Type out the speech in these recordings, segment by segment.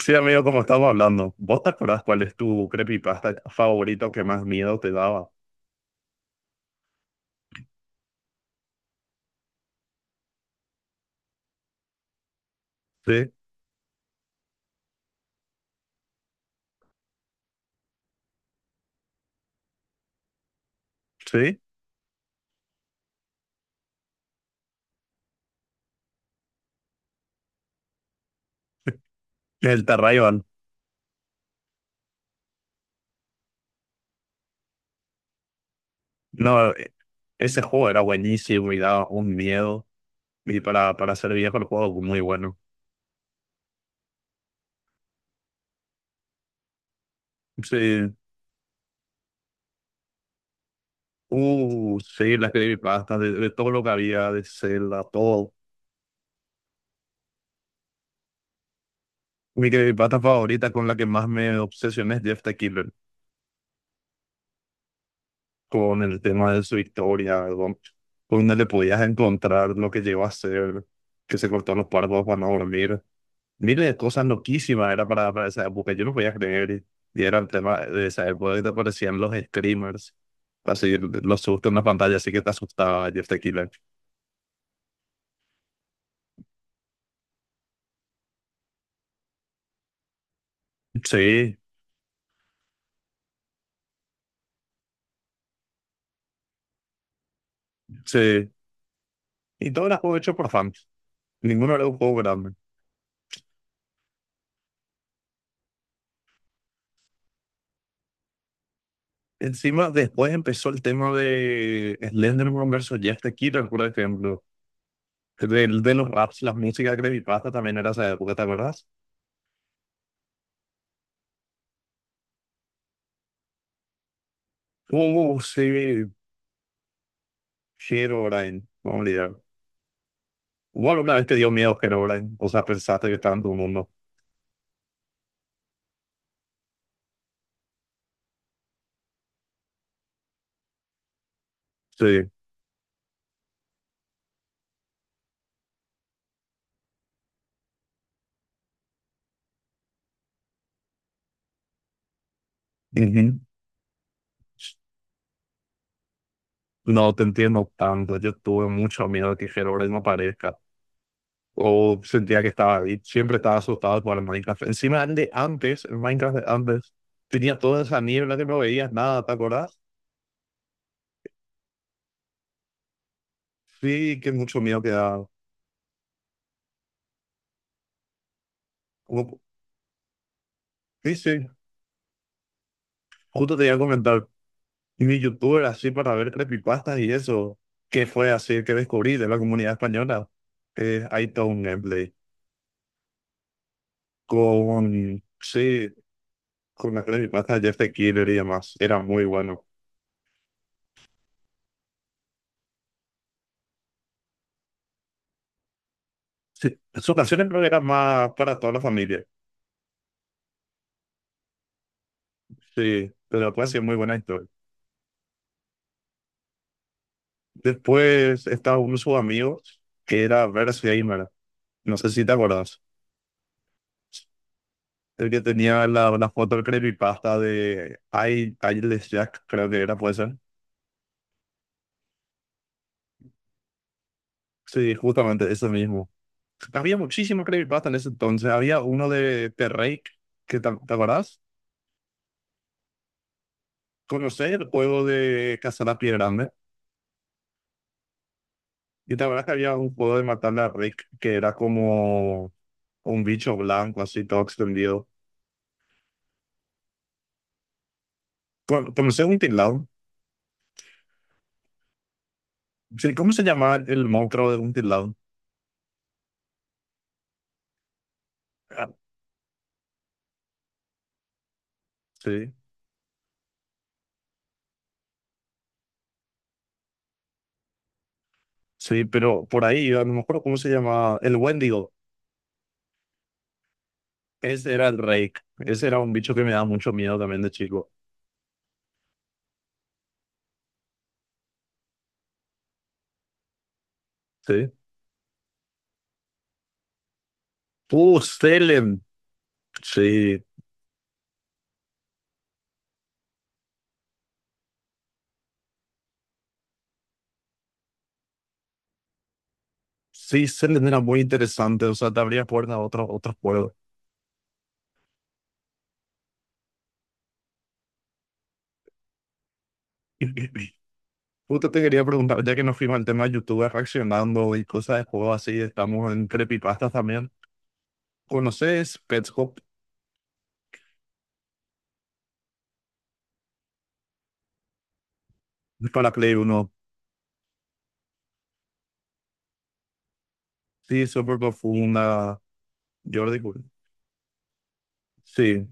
Sí, amigo, como estamos hablando, ¿vos te acordás cuál es tu creepypasta favorito que más miedo te daba? Sí, sí, el Terrayon. No, ese juego era buenísimo y daba un miedo. Y para ser viejo, el juego muy bueno. Sí, sí, las creepypastas, de todo lo que había, de Zelda, todo. Mi creepypasta favorita con la que más me obsesioné es Jeff the Killer, con el tema de su historia, ¿verdad? Donde le podías encontrar lo que llegó a ser, que se cortó los párpados para no dormir. Miles de cosas loquísimas era para esa época, yo no podía creer. Y era el tema de esa época que te aparecían los screamers, así los sustos en la pantalla, así que te asustaba Jeff the Killer. Sí, sí. Y todo era juego hecho por fans. Ninguno era un juego grande. Encima, después empezó el tema de Slenderman versus Jeff the Killer, por ejemplo. De los raps, las músicas de Creepypasta también era esa época, ¿te acuerdas? Sí, Herobrine, no olvidar. Hubo alguna vez te dio miedo Herobrine, o sea, pensaste que estaba en tu mundo. Sí. Ujú. No te entiendo tanto, yo tuve mucho miedo de que Herobrine no aparezca. O sentía que estaba ahí, siempre estaba asustado por el Minecraft. Encima de antes, el Minecraft de antes, tenía toda esa niebla que no veías nada, ¿te acuerdas? Sí, que mucho miedo que daba. Como- Sí, sí, justo te iba a comentar. Y de youtuber así para ver creepypastas y eso. ¿Qué fue así que descubrí de la comunidad española? Hay todo un gameplay con, sí, con las creepypastas de Jeff the Killer y demás. Era muy bueno. Sí, en sus canciones creo que eran más para toda la familia. Sí, pero puede ser muy buena historia. Después estaba uno de sus amigos que era Verse Gamer. No sé si te acuerdas. El que tenía la, la foto del creepypasta de I, Jack, creo que era, puede ser. Sí, justamente ese mismo. Había muchísimos creepypasta en ese entonces. Había uno de Terrake, que te, ¿te acordás? Conocés el juego de cazar a pie grande. Y te acordás que había un juego de matarle a Rick, que era como un bicho blanco, así todo extendido. Conocés un tilao. Sí, ¿cómo se llamaba el monstruo de un tilao? Ah, sí, sí, pero por ahí, a lo mejor, ¿cómo se llamaba? El Wendigo. Ese era el Rake. Ese era un bicho que me daba mucho miedo también de chico. Sí. Salem. Sí, sí, se le era muy interesante, o sea, te abría puertas a otros, otros juegos. Justo te quería preguntar, ya que nos fuimos al tema de YouTube reaccionando y cosas de juego así, estamos en creepypastas también. ¿Conoces Pets Hop para Play uno? Sí, súper profunda, Jordi. Cool. Sí,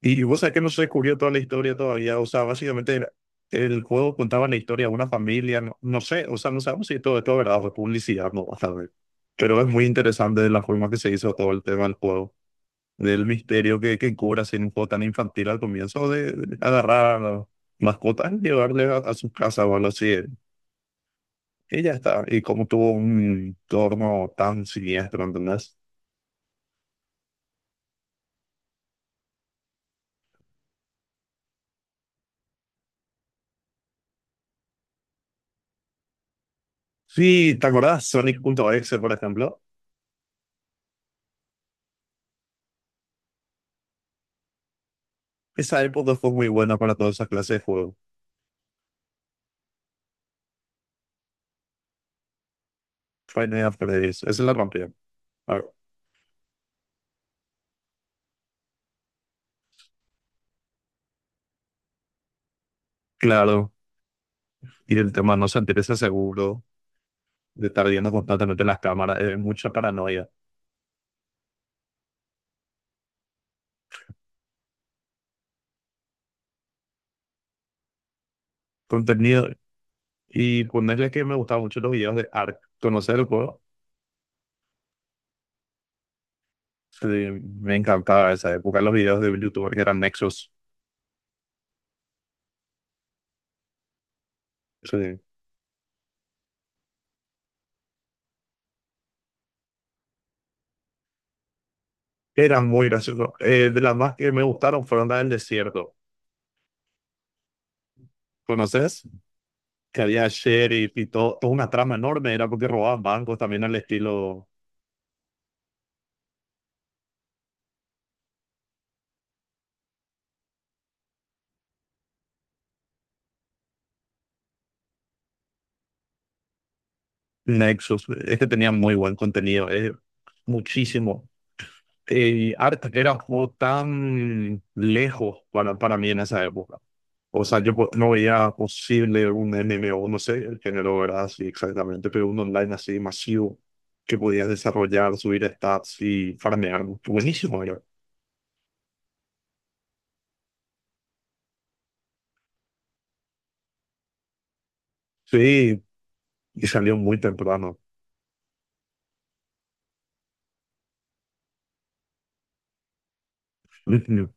y vos sabés que no se descubrió toda la historia todavía, o sea, básicamente era, el juego contaba la historia de una familia, no, no sé, o sea, no sabemos si todo esto es verdad o es publicidad, no vas a ver. Pero es muy interesante la forma que se hizo todo el tema del juego. Del misterio que cobra ser un juego tan infantil al comienzo de agarrar a las mascotas y llevarle a su casa o algo así. Y ya está. Y como tuvo un entorno tan siniestro, ¿entendés? Sí, ¿te acordás? Sonic.exe, por ejemplo. Esa época fue muy buena para todas esas clases de juegos. Final Freddy's, esa es la rompió. Ah, claro. Y el tema no se interesa seguro, de estar viendo constantemente las cámaras, es mucha paranoia. Contenido. Y ponerle que me gustaban mucho los videos de Ark. ¿Conocer el juego? Sí, me encantaba esa época, los videos de YouTube que eran Nexus. Sí, eran muy graciosos. De las más que me gustaron fueron las del desierto. ¿Conoces? Que había sheriff y todo, toda una trama enorme, era porque robaban bancos también al estilo Nexus. Este tenía muy buen contenido, muchísimo. Eh, y Art era un juego tan lejos para mí en esa época. O sea, no veía posible un MMO, no sé el género, ¿verdad? Sí, exactamente, pero un online así masivo que podías desarrollar, subir stats y farmear. Buenísimo, era. Sí, y salió muy temprano. Ujú.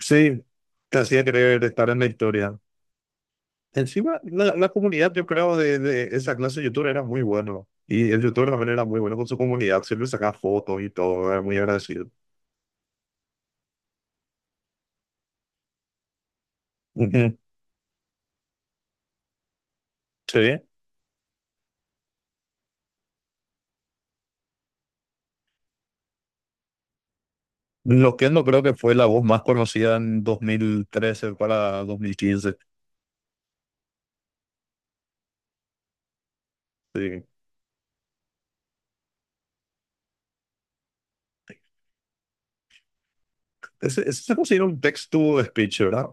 Sí, te hacía querer estar en la historia. Encima, la comunidad, yo creo, de esa clase de youtuber era muy bueno. Y el youtuber también era muy bueno con su comunidad, siempre sacaba fotos y todo, era muy agradecido. Ujú. Sí. Loquendo creo que fue la voz más conocida en 2013 para 2015. Sí. Ese se considera un text-to-speech, ¿verdad?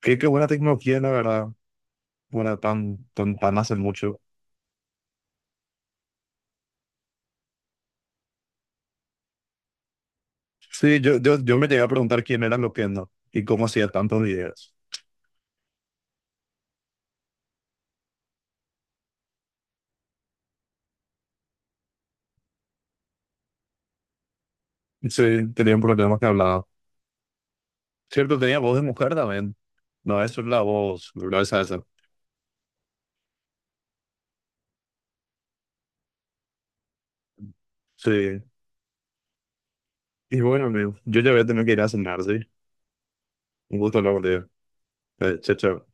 Qué, qué buena tecnología, la verdad. Bueno, tan, tan, tan hace mucho. Sí, yo me llegué a preguntar quién era Loquendo y cómo hacía tantos videos. Sí, tenía un problema que hablaba. Cierto, tenía voz de mujer también. No, eso es la voz, ¿verdad? Esa, esa. Sí. Y bueno, amigo, yo ya voy a tener que ir a cenar, ¿sí? Un gusto hablar contigo. Chao, chao.